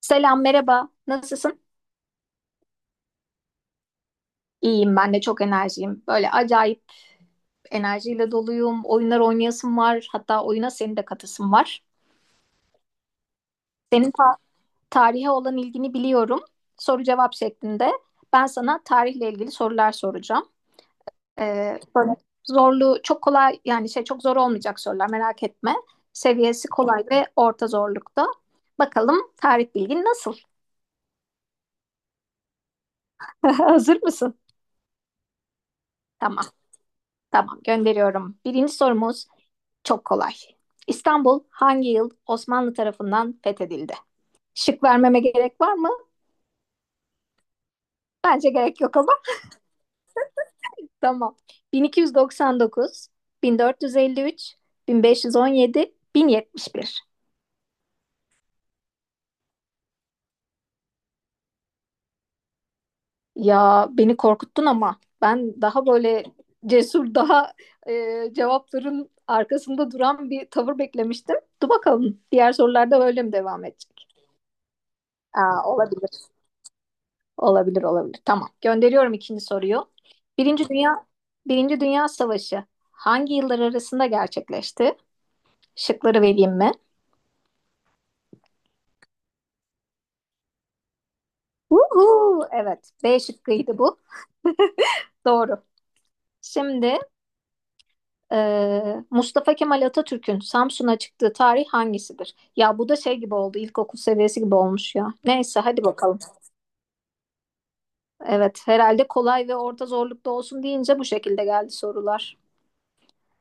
Selam, merhaba. Nasılsın? İyiyim ben de çok enerjiyim. Böyle acayip enerjiyle doluyum. Oyunlar oynayasım var. Hatta oyuna senin de katasım var. Senin ta- Tarihe olan ilgini biliyorum. Soru cevap şeklinde. Ben sana tarihle ilgili sorular soracağım. Böyle zorlu, çok kolay yani şey çok zor olmayacak sorular merak etme. Seviyesi kolay ve orta zorlukta. Bakalım tarih bilgin nasıl? Hazır mısın? Tamam, tamam gönderiyorum. Birinci sorumuz. Çok kolay. İstanbul hangi yıl Osmanlı tarafından fethedildi? Şık vermeme gerek var mı? Bence gerek yok ama. Tamam. 1299, 1453, 1517, 1071. Ya beni korkuttun ama ben daha böyle cesur, daha cevapların arkasında duran bir tavır beklemiştim. Dur bakalım diğer sorularda böyle mi devam edecek? Aa, olabilir. Olabilir, olabilir. Tamam. Gönderiyorum ikinci soruyu. Birinci Dünya Birinci Dünya Savaşı hangi yıllar arasında gerçekleşti? Şıkları vereyim mi? Uhu, evet. B şıkkıydı bu. Doğru. Şimdi e, Mustafa Kemal Atatürk'ün Samsun'a çıktığı tarih hangisidir? Ya bu da şey gibi oldu. İlkokul seviyesi gibi olmuş ya. Neyse hadi bakalım. Evet, herhalde kolay ve orta zorlukta olsun deyince bu şekilde geldi sorular.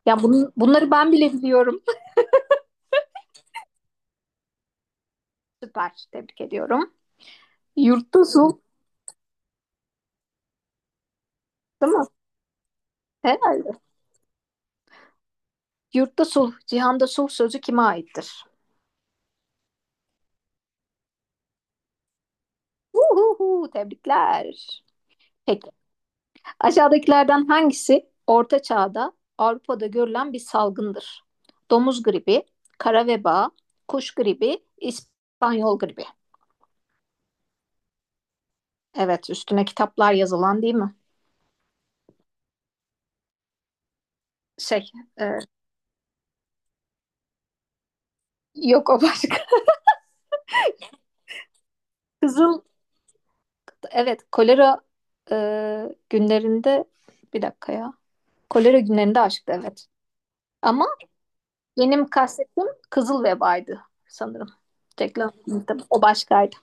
Ya bunları ben bile biliyorum. Süper. Tebrik ediyorum. Yurtta sulh, değil mi? Herhalde. Yurtta sulh, cihanda sulh sözü kime aittir? Uhuhu, tebrikler. Peki. Aşağıdakilerden hangisi Orta Çağ'da Avrupa'da görülen bir salgındır? Domuz gribi, kara veba, kuş gribi, İspanyol gribi. Evet, üstüne kitaplar yazılan değil mi? Şey, e, yok o başka. Kızıl, evet, kolera e, günlerinde, bir dakika ya. Kolera günlerinde aşktı, evet. Ama benim kastettiğim kızıl vebaydı sanırım. Reklam tabii o başkaydı.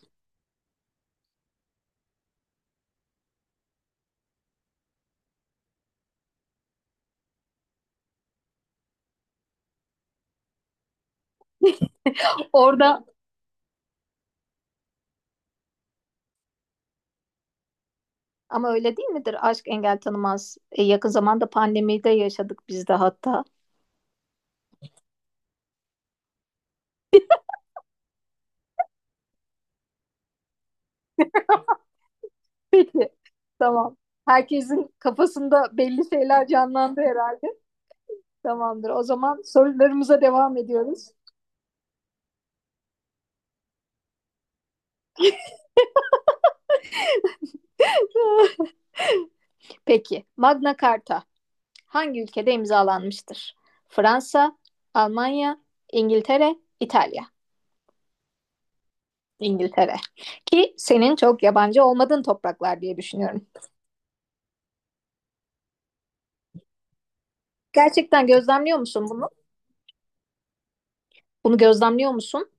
Orada ama öyle değil midir? Aşk engel tanımaz. E, yakın zamanda pandemide yaşadık biz de hatta. Peki. Tamam. Herkesin kafasında belli şeyler canlandı herhalde. Tamamdır. O zaman sorularımıza devam ediyoruz. Peki. Magna Carta hangi ülkede imzalanmıştır? Fransa, Almanya, İngiltere, İtalya. İngiltere. Ki senin çok yabancı olmadığın topraklar diye düşünüyorum. Gerçekten gözlemliyor musun bunu? Bunu gözlemliyor musun?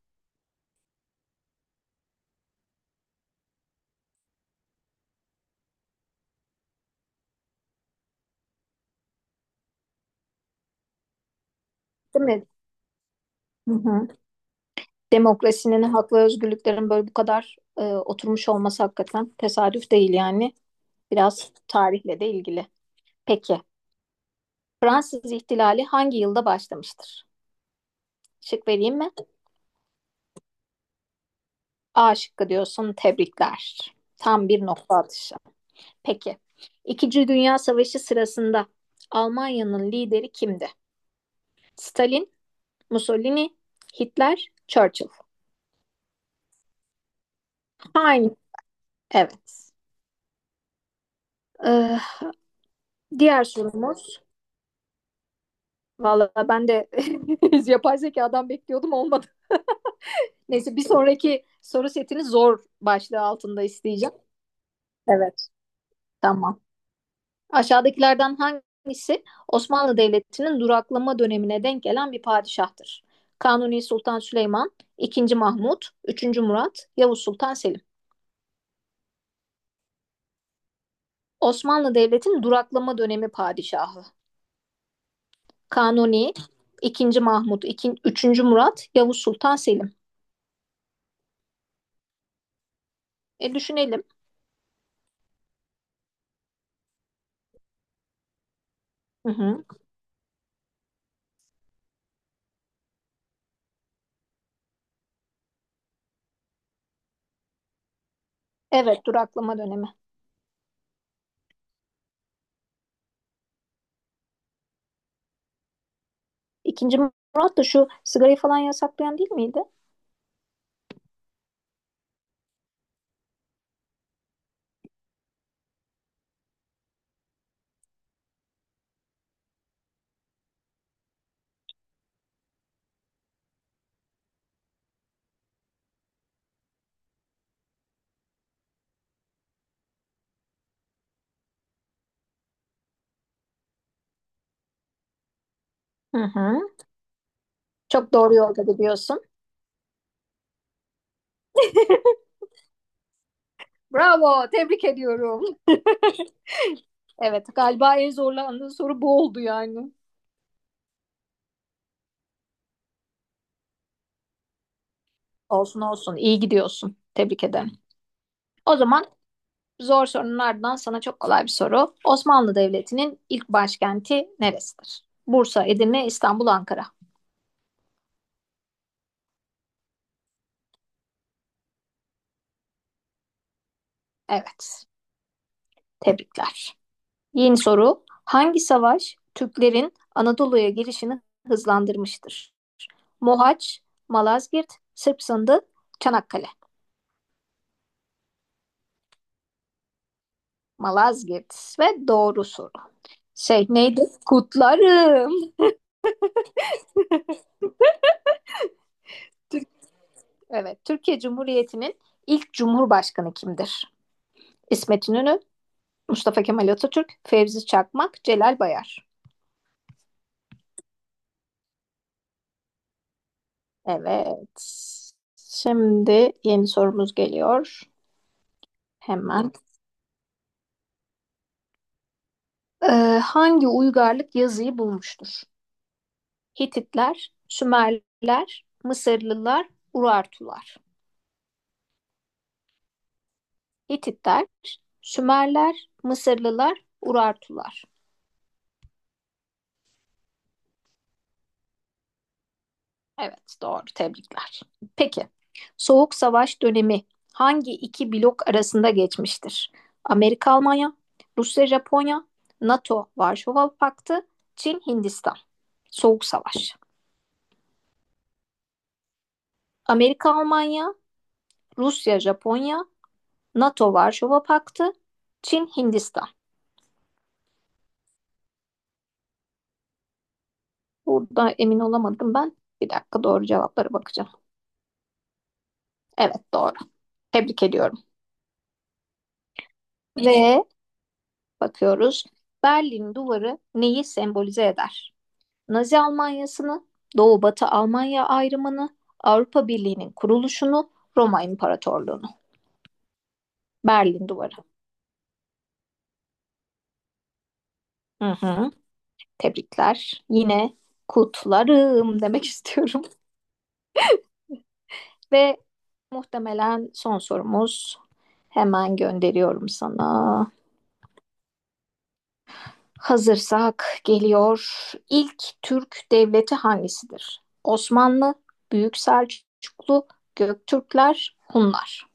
Değil mi? Hı hı. Demokrasinin, hak ve özgürlüklerin böyle bu kadar oturmuş olması hakikaten tesadüf değil yani. Biraz tarihle de ilgili. Peki, Fransız ihtilali hangi yılda başlamıştır? Şık vereyim mi? A şıkkı diyorsun, tebrikler. Tam bir nokta atışı. Peki, İkinci Dünya Savaşı sırasında Almanya'nın lideri kimdi? Stalin, Mussolini, Hitler, Churchill. Aynı. Evet. Ee, Diğer sorumuz. Valla ben de yapay zekadan bekliyordum olmadı. Neyse bir sonraki soru setini zor başlığı altında isteyeceğim. Evet. Tamam. Aşağıdakilerden hangisi Osmanlı Devleti'nin duraklama dönemine denk gelen bir padişahtır? Kanuni Sultan Süleyman, II. Mahmut, 3. Murat, Yavuz Sultan Selim. Osmanlı Devleti'nin duraklama dönemi padişahı. Kanuni, ikinci Mahmut, üçüncü Murat, Yavuz Sultan Selim. E düşünelim. Hı hı. Evet, duraklama dönemi. İkinci Murat da şu sigarayı falan yasaklayan değil miydi? Hı hı. Çok doğru yolda gidiyorsun. Bravo, tebrik ediyorum. Evet, galiba en zorlandığı soru bu oldu yani. Olsun olsun iyi gidiyorsun. Tebrik ederim. O zaman zor sorunun ardından sana çok kolay bir soru. Osmanlı Devleti'nin ilk başkenti neresidir? Bursa, Edirne, İstanbul, Ankara. Evet. Tebrikler. Yeni soru. Hangi savaş Türklerin Anadolu'ya girişini hızlandırmıştır? Mohaç, Malazgirt, Sırp Sındı, Çanakkale. Malazgirt ve doğru soru. Şey neydi? Kutlarım. Türk, evet, Türkiye Cumhuriyeti'nin ilk cumhurbaşkanı kimdir? İsmet İnönü, Mustafa Kemal Atatürk, Fevzi Çakmak, Celal Bayar. Evet. Şimdi yeni sorumuz geliyor. Hemen. Ee, Hangi uygarlık yazıyı bulmuştur? Hititler, Sümerler, Mısırlılar, Urartular. Hititler, Sümerler, Mısırlılar, Urartular. Evet, doğru. Tebrikler. Peki, Soğuk Savaş dönemi hangi iki blok arasında geçmiştir? Amerika Almanya, Rusya Japonya, NATO Varşova Paktı, Çin Hindistan. Soğuk Savaş. Amerika Almanya, Rusya Japonya, NATO Varşova Paktı, Çin Hindistan. Burada emin olamadım ben. Bir dakika doğru cevaplara bakacağım. Evet doğru. Tebrik ediyorum. Ve bakıyoruz. Berlin Duvarı neyi sembolize eder? Nazi Almanyası'nı, Doğu-Batı Almanya ayrımını, Avrupa Birliği'nin kuruluşunu, Roma İmparatorluğunu, Berlin Duvarı. Hı hı. Tebrikler. Yine kutlarım demek istiyorum. Ve muhtemelen son sorumuz. Hemen gönderiyorum sana. Hazırsak geliyor. İlk Türk devleti hangisidir? Osmanlı, Büyük Selçuklu, Göktürkler, Hunlar.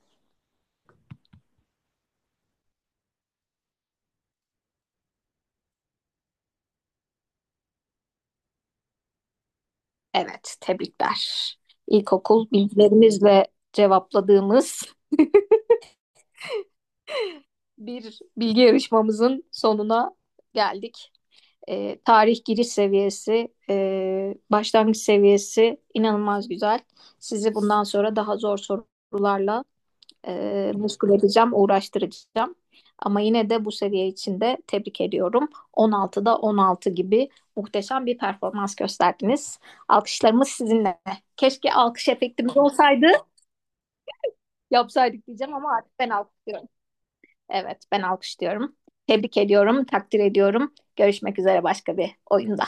Evet, tebrikler. İlkokul bilgilerimizle cevapladığımız bir bilgi yarışmamızın sonuna geldik. Tarih giriş seviyesi, e, başlangıç seviyesi inanılmaz güzel. Sizi bundan sonra daha zor sorularla e, meşgul edeceğim, uğraştıracağım. Ama yine de bu seviye için de tebrik ediyorum. 16'da 16 gibi muhteşem bir performans gösterdiniz. Alkışlarımız sizinle. Keşke alkış efektimiz olsaydı. Yapsaydık diyeceğim ama artık ben alkışlıyorum. Evet, ben alkışlıyorum. Tebrik ediyorum, takdir ediyorum. Görüşmek üzere başka bir oyunda.